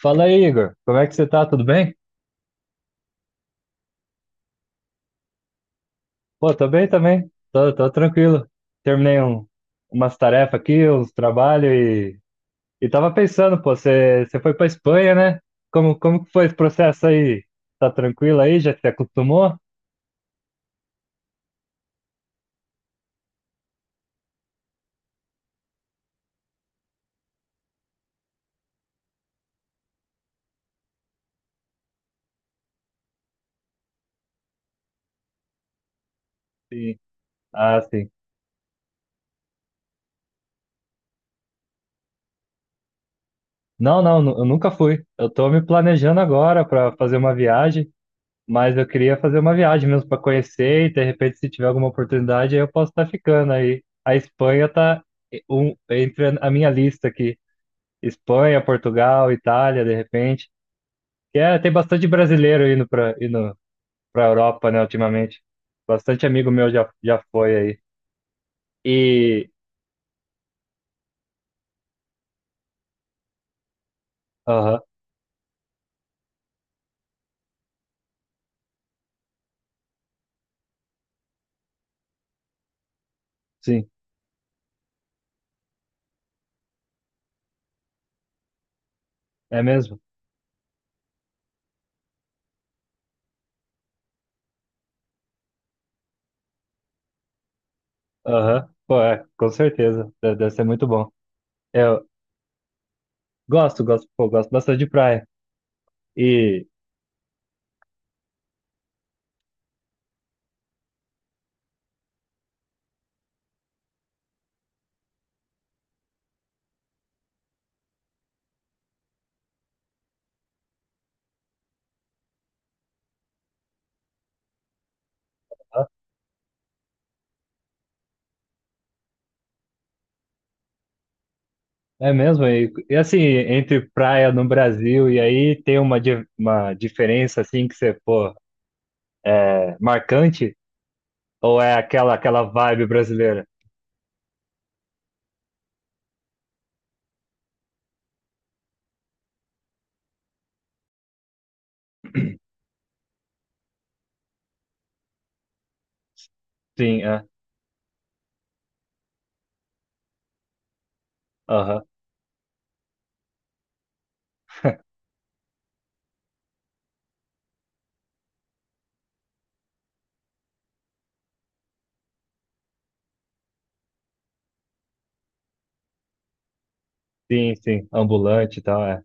Fala aí, Igor. Como é que você tá? Tudo bem? Pô, tô bem também. Tô tranquilo. Terminei um, umas tarefas aqui, uns trabalhos e tava pensando, pô, você foi pra Espanha, né? Como que foi esse processo aí? Tá tranquilo aí? Já se acostumou? Sim. Ah, sim. Eu nunca fui. Eu tô me planejando agora pra fazer uma viagem. Mas eu queria fazer uma viagem mesmo para conhecer e de repente se tiver alguma oportunidade aí eu posso estar ficando aí. A Espanha tá entre a minha lista aqui. Espanha, Portugal, Itália, de repente. Que é, tem bastante brasileiro indo para Europa, né, ultimamente. Bastante amigo meu já foi aí. E aham, sim, é mesmo? Aham. Pô, é, com certeza. Deve ser muito bom. Eu gosto bastante de praia. E é mesmo? E assim, entre praia no Brasil e aí tem uma diferença assim que você, pô, é marcante? Ou é aquela vibe brasileira? Sim, é. Aham. Sim, sim. Ambulante e tal, é.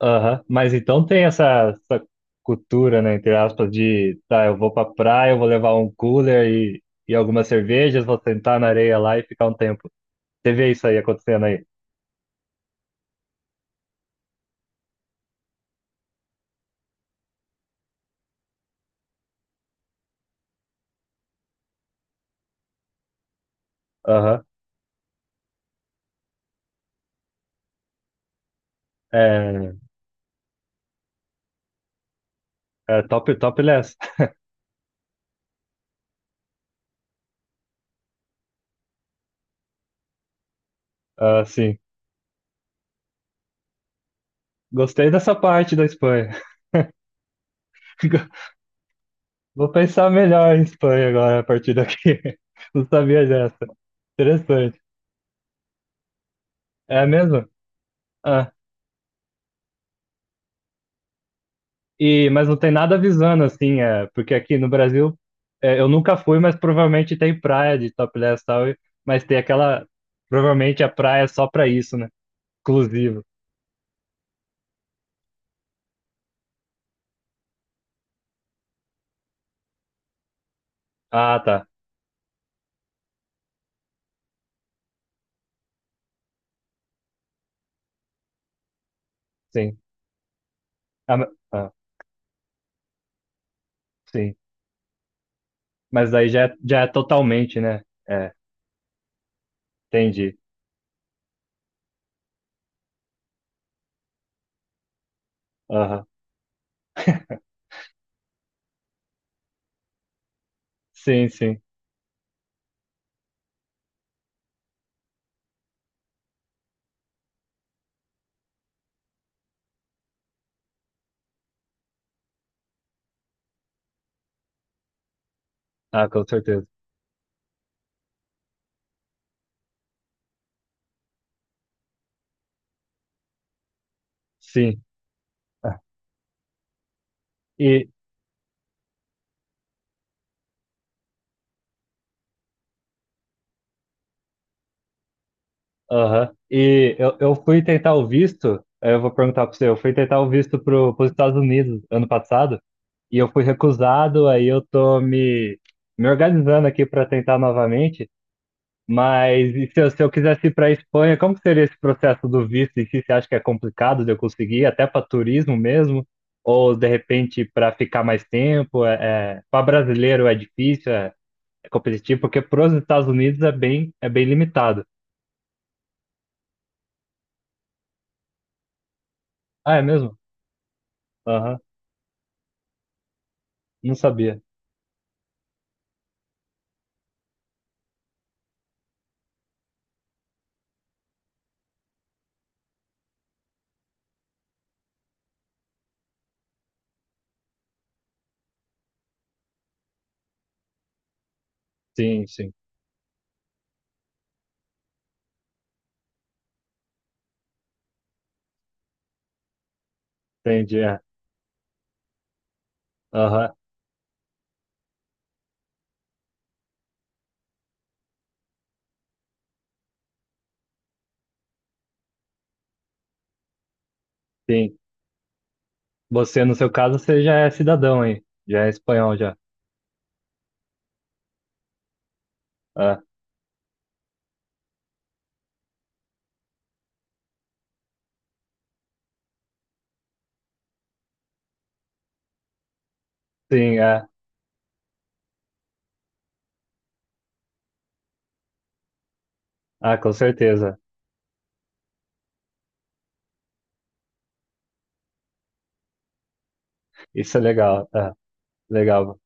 Aham. Mas então tem essa cultura, né, entre aspas, de, tá, eu vou pra praia, eu vou levar um cooler e algumas cervejas, vou sentar na areia lá e ficar um tempo. Você vê isso aí acontecendo aí? Aham. É, é top, topless. Ah, sim. Gostei dessa parte da Espanha. Vou pensar melhor em Espanha agora a partir daqui. Não sabia dessa. Interessante. É mesmo? Ah, e, mas não tem nada avisando, assim, é, porque aqui no Brasil é, eu nunca fui, mas provavelmente tem praia de topless e tal, e- mas tem aquela. Provavelmente a praia é só pra isso, né? Exclusivo. Ah, tá. Sim. Ah, ma- ah, sim. Mas daí já é totalmente, né? É, entendi. Aham. Sim, sim. Ah, com certeza. Sim. E, aham. Eu fui tentar o visto, aí eu vou perguntar para você, eu fui tentar o visto para os Estados Unidos ano passado, e eu fui recusado, aí eu tô me, me organizando aqui para tentar novamente, mas e se eu quisesse ir para a Espanha, como que seria esse processo do visto? E se você acha que é complicado de eu conseguir, até para turismo mesmo? Ou de repente para ficar mais tempo? É, para brasileiro é é competitivo, porque para os Estados Unidos é é bem limitado. Ah, é mesmo? Aham, não sabia. Sim, sim, entendi. É. Aham, sim. Você, no seu caso, você já é cidadão, hein, já é espanhol já. Ah, sim, é. Ah, com certeza. Isso é legal.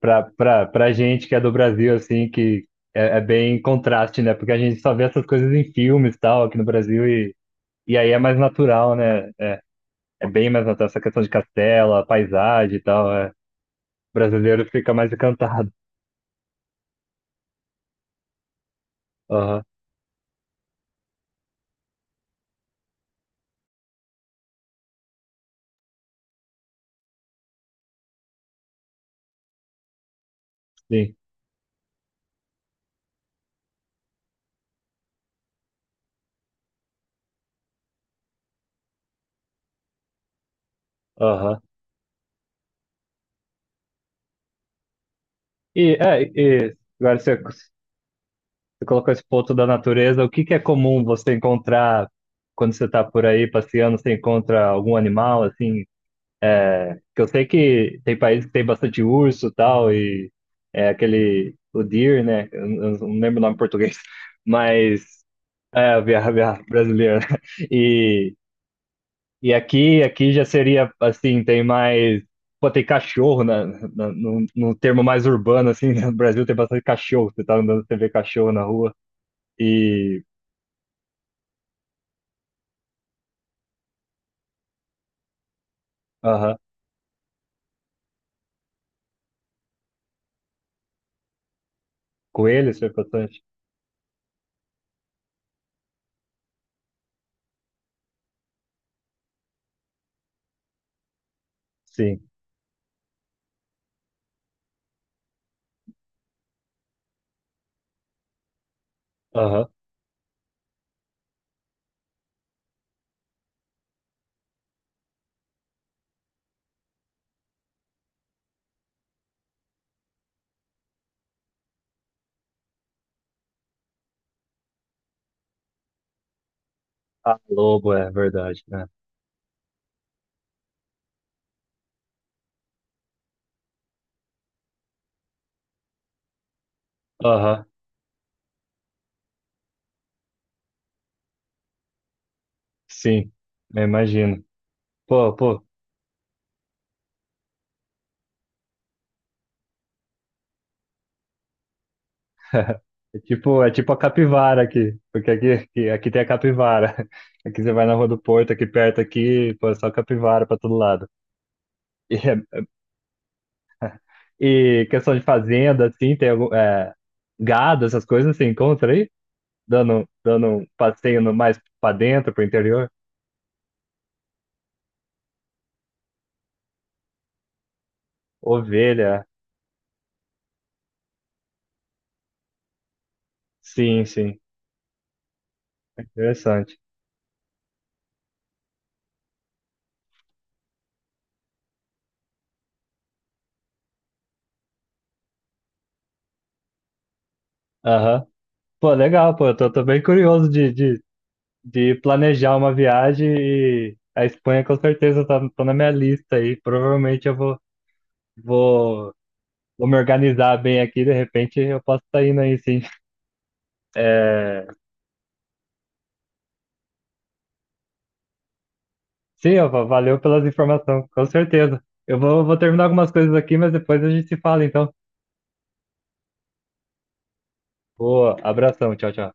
Pra gente que é do Brasil, assim, que é bem contraste, né? Porque a gente só vê essas coisas em filmes e tal, aqui no Brasil, e aí é mais natural, né? É bem mais natural essa questão de castelo, a paisagem e tal. É. O brasileiro fica mais encantado. Aham, sim. Aham. E agora você colocou esse ponto da natureza. O que que é comum você encontrar quando você está por aí passeando? Você encontra algum animal assim? Que eu sei que tem países que tem bastante urso e tal e é aquele o deer, né? Eu não lembro o nome em português, mas é a via brasileira. E E aqui, aqui já seria assim, tem mais. Pô, tem cachorro no termo mais urbano, assim, né? No Brasil tem bastante cachorro. Você tá andando, você vê cachorro na rua. E. Aham. Coelhos foi bastante? Sim. Aham. Ah, lobo, é verdade, né? Aham, sim. Eu imagino. Pô, pô. É tipo a capivara aqui. Porque aqui tem a capivara. Aqui você vai na Rua do Porto, aqui perto, aqui, pô, é só capivara pra todo lado. E é, e questão de fazenda, assim, tem algum, é, gado, essas coisas, você encontra aí? Dando um passeio no- mais pra dentro, pro interior? Ovelha. Sim, sim. Interessante. Aham. Pô, legal, pô. Tô bem curioso de planejar uma viagem e a Espanha com certeza tá na minha lista aí. Provavelmente vou, vou me organizar bem aqui, de repente eu posso estar indo aí, sim. É, sim, Alfa, valeu pelas informações, com certeza. Vou terminar algumas coisas aqui, mas depois a gente se fala, então. Boa, abração, tchau, tchau.